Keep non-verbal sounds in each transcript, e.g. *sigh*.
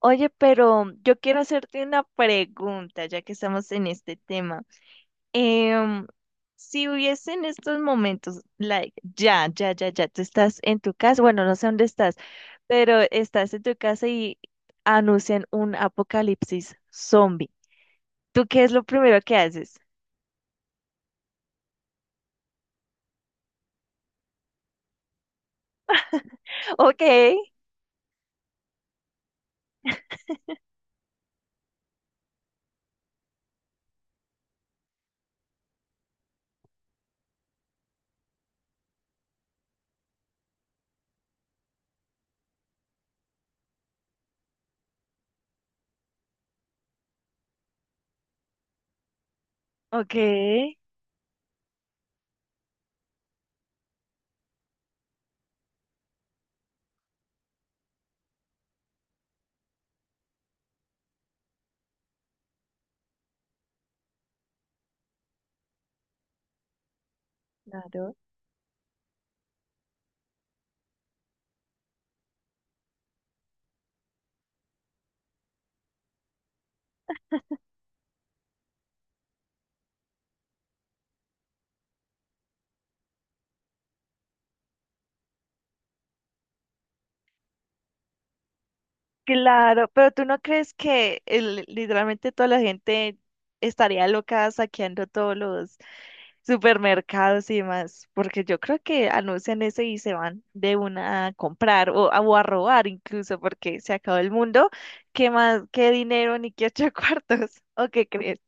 Oye, pero yo quiero hacerte una pregunta, ya que estamos en este tema. Em, si hubiese en estos momentos, like, ya, tú estás en tu casa, bueno, no sé dónde estás, pero estás en tu casa y anuncian un apocalipsis zombie. ¿Tú qué es lo primero que haces? *laughs* Ok, ok, claro. Claro, pero ¿tú no crees que literalmente toda la gente estaría loca saqueando todos los supermercados y demás, porque yo creo que anuncian eso y se van de una a comprar o a robar incluso, porque se acabó el mundo, ¿qué más, qué dinero ni qué ocho *laughs* cuartos? ¿O qué crees?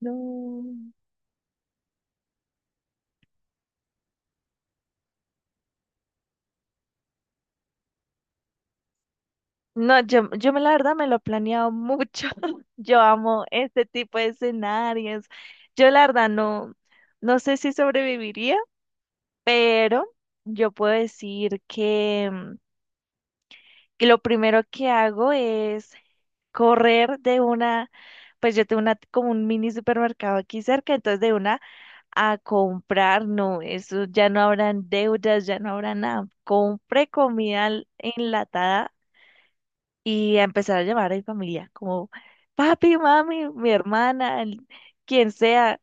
No. No, yo, la verdad me lo he planeado mucho. *laughs* Yo amo este tipo de escenarios. Yo la verdad no, no sé si sobreviviría, pero yo puedo decir que que lo primero que hago es correr de una, pues yo tengo una, como un mini supermercado aquí cerca, entonces de una a comprar, no, eso ya no habrán deudas, ya no habrá nada. Compré comida enlatada y a empezar a llamar a mi familia, como papi, mami, mi hermana, quien sea,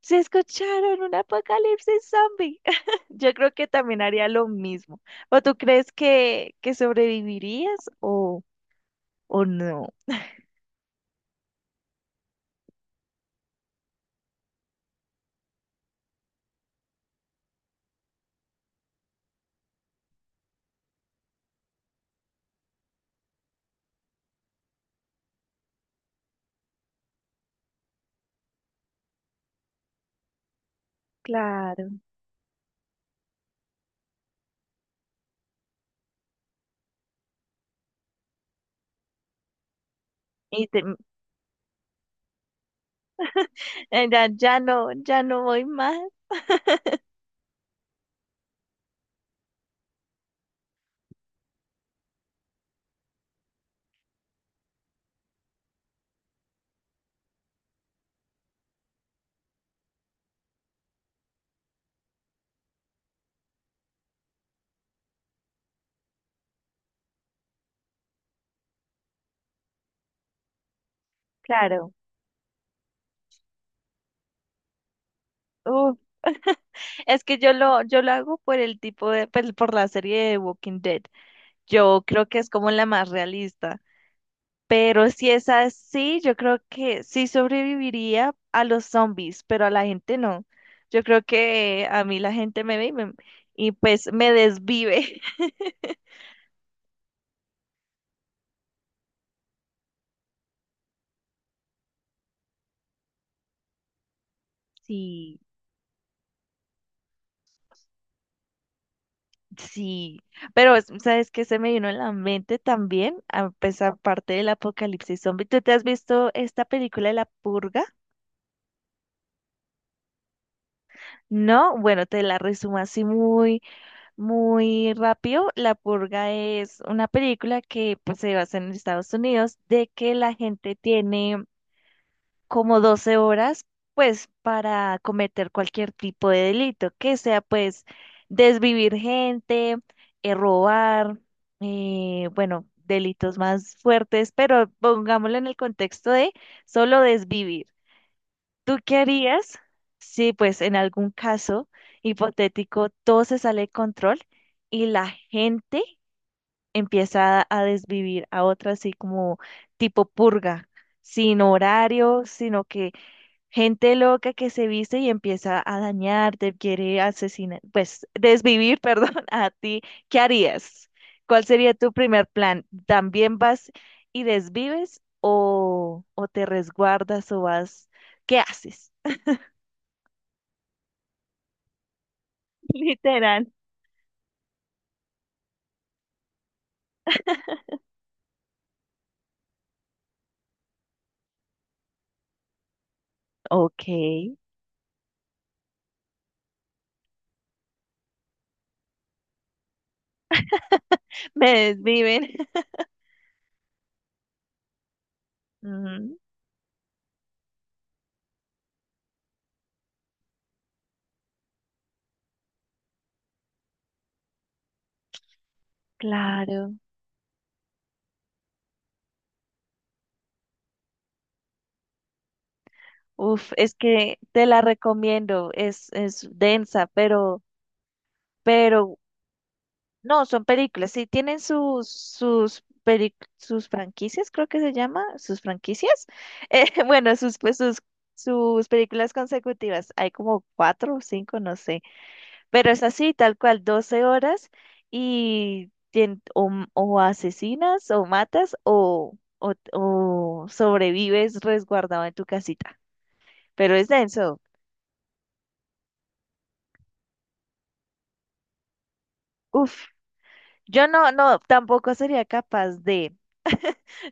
se escucharon un apocalipsis zombie. *laughs* Yo creo que también haría lo mismo. ¿O tú crees que sobrevivirías o no? Claro. Y ya, ya no, ya no voy más, claro. Uf, es que yo lo hago por el tipo de, pues, por la serie de Walking Dead. Yo creo que es como la más realista. Pero si es así, yo creo que sí sobreviviría a los zombies, pero a la gente no. Yo creo que a mí la gente me ve y pues me desvive. *laughs* Sí. Sí, pero ¿sabes qué se me vino en la mente también? A pesar parte del apocalipsis zombie. ¿Tú te has visto esta película de La Purga? No, bueno, te la resumo así muy, muy rápido. La Purga es una película que pues, se basa en Estados Unidos de que la gente tiene como 12 horas, pues para cometer cualquier tipo de delito, que sea pues desvivir gente, robar, bueno, delitos más fuertes, pero pongámoslo en el contexto de solo desvivir. ¿Tú qué harías si pues en algún caso hipotético todo se sale de control y la gente empieza a desvivir a otra así como tipo purga? Sin horario, sino que gente loca que se viste y empieza a dañarte, quiere asesinar, pues desvivir, *laughs* perdón, a ti. ¿Qué harías? ¿Cuál sería tu primer plan? ¿También vas y desvives o te resguardas o vas? ¿Qué haces? *laughs* Literal. Ok, me desviven. *laughs* Ujú, claro. Uf, es que te la recomiendo. Es densa, pero no, son películas, sí, tienen sus sus franquicias, creo que se llama, sus franquicias. *laughs* Bueno, sus, pues, sus, sus películas consecutivas, hay como 4 o 5, no sé, pero es así, tal cual, 12 horas y o asesinas o matas o sobrevives resguardado en tu casita, pero es denso. Uf, yo no, no, tampoco sería capaz de...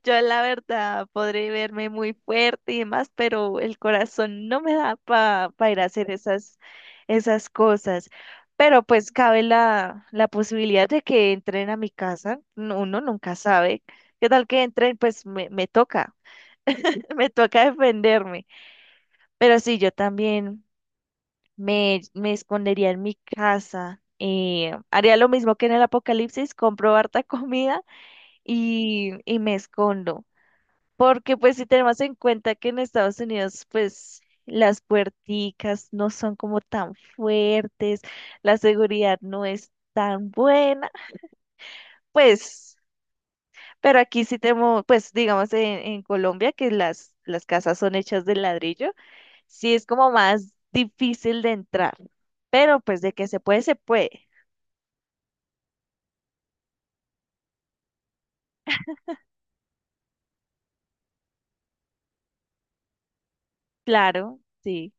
Yo la verdad podré verme muy fuerte y demás, pero el corazón no me da para ir a hacer esas, esas cosas. Pero pues cabe la posibilidad de que entren a mi casa. Uno nunca sabe. ¿Qué tal que entren? Pues me toca, *laughs* me toca defenderme. Pero sí, yo también me escondería en mi casa. Haría lo mismo que en el apocalipsis, compro harta *laughs* comida y me escondo. Porque pues si tenemos en cuenta que en Estados Unidos pues las puerticas no son como tan fuertes, la seguridad no es tan buena, pues, pero aquí sí tenemos, pues digamos en Colombia que las casas son hechas de ladrillo, sí es como más difícil de entrar, pero pues de que se puede, se puede. Claro, sí,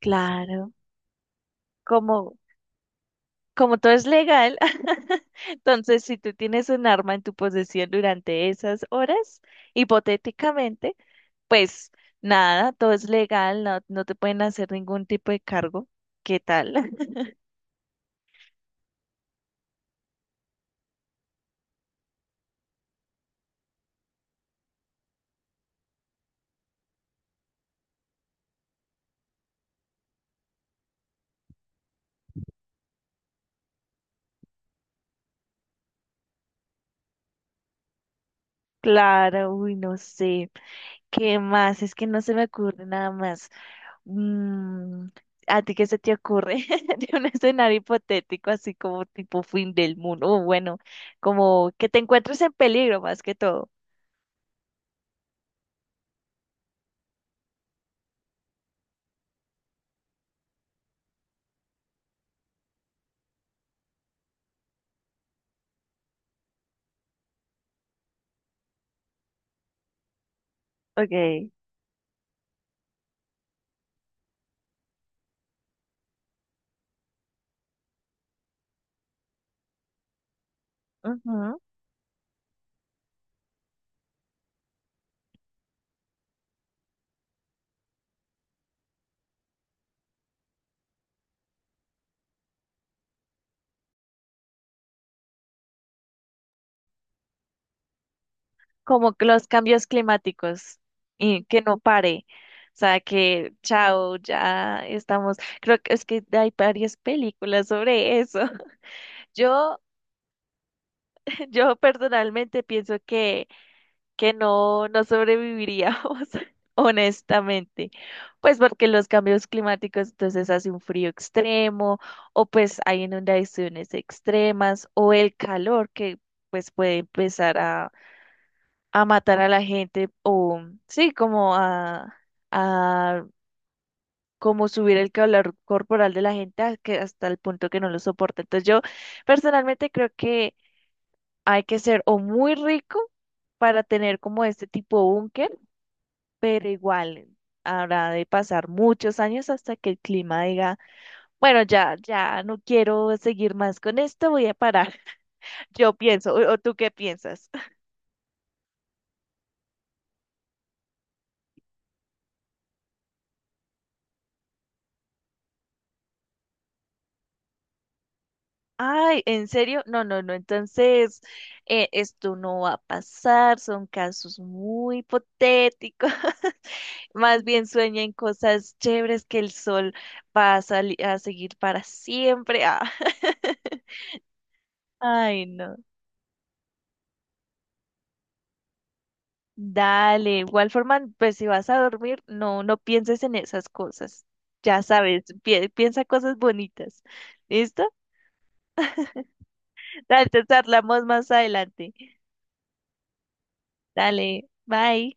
claro. Como, como todo es legal, *laughs* entonces si tú tienes un arma en tu posesión durante esas horas, hipotéticamente, pues nada, todo es legal, no, no te pueden hacer ningún tipo de cargo. ¿Qué tal? *laughs* Claro, uy, no sé. ¿Qué más? Es que no se me ocurre nada más. Mm, ¿a ti qué se te ocurre *laughs* de un escenario hipotético así como tipo fin del mundo? O bueno, como que te encuentres en peligro más que todo. Ok. Ujú. Como que los cambios climáticos y que no pare. O sea, que chao, ya estamos. Creo que es que hay varias películas sobre eso. *laughs* Yo, yo personalmente pienso que no, no sobreviviríamos, *laughs* honestamente. Pues porque los cambios climáticos, entonces hace un frío extremo, o pues hay inundaciones extremas, o el calor que pues puede empezar a matar a la gente o sí, como a como subir el calor corporal de la gente a hasta el punto que no lo soporta. Entonces yo personalmente creo que hay que ser o muy rico para tener como este tipo búnker, pero igual habrá de pasar muchos años hasta que el clima diga, bueno, ya, ya no quiero seguir más con esto, voy a parar. *laughs* Yo pienso, o tú qué piensas? Ay, ¿en serio? No, no, no. Entonces, esto no va a pasar. Son casos muy hipotéticos. *laughs* Más bien sueña en cosas chéveres que el sol va a seguir para siempre. Ah. *laughs* Ay, no. Dale, igual forma, pues si vas a dormir, no, no pienses en esas cosas. Ya sabes, piensa cosas bonitas. ¿Listo? Dale, te charlamos más adelante. Dale, bye.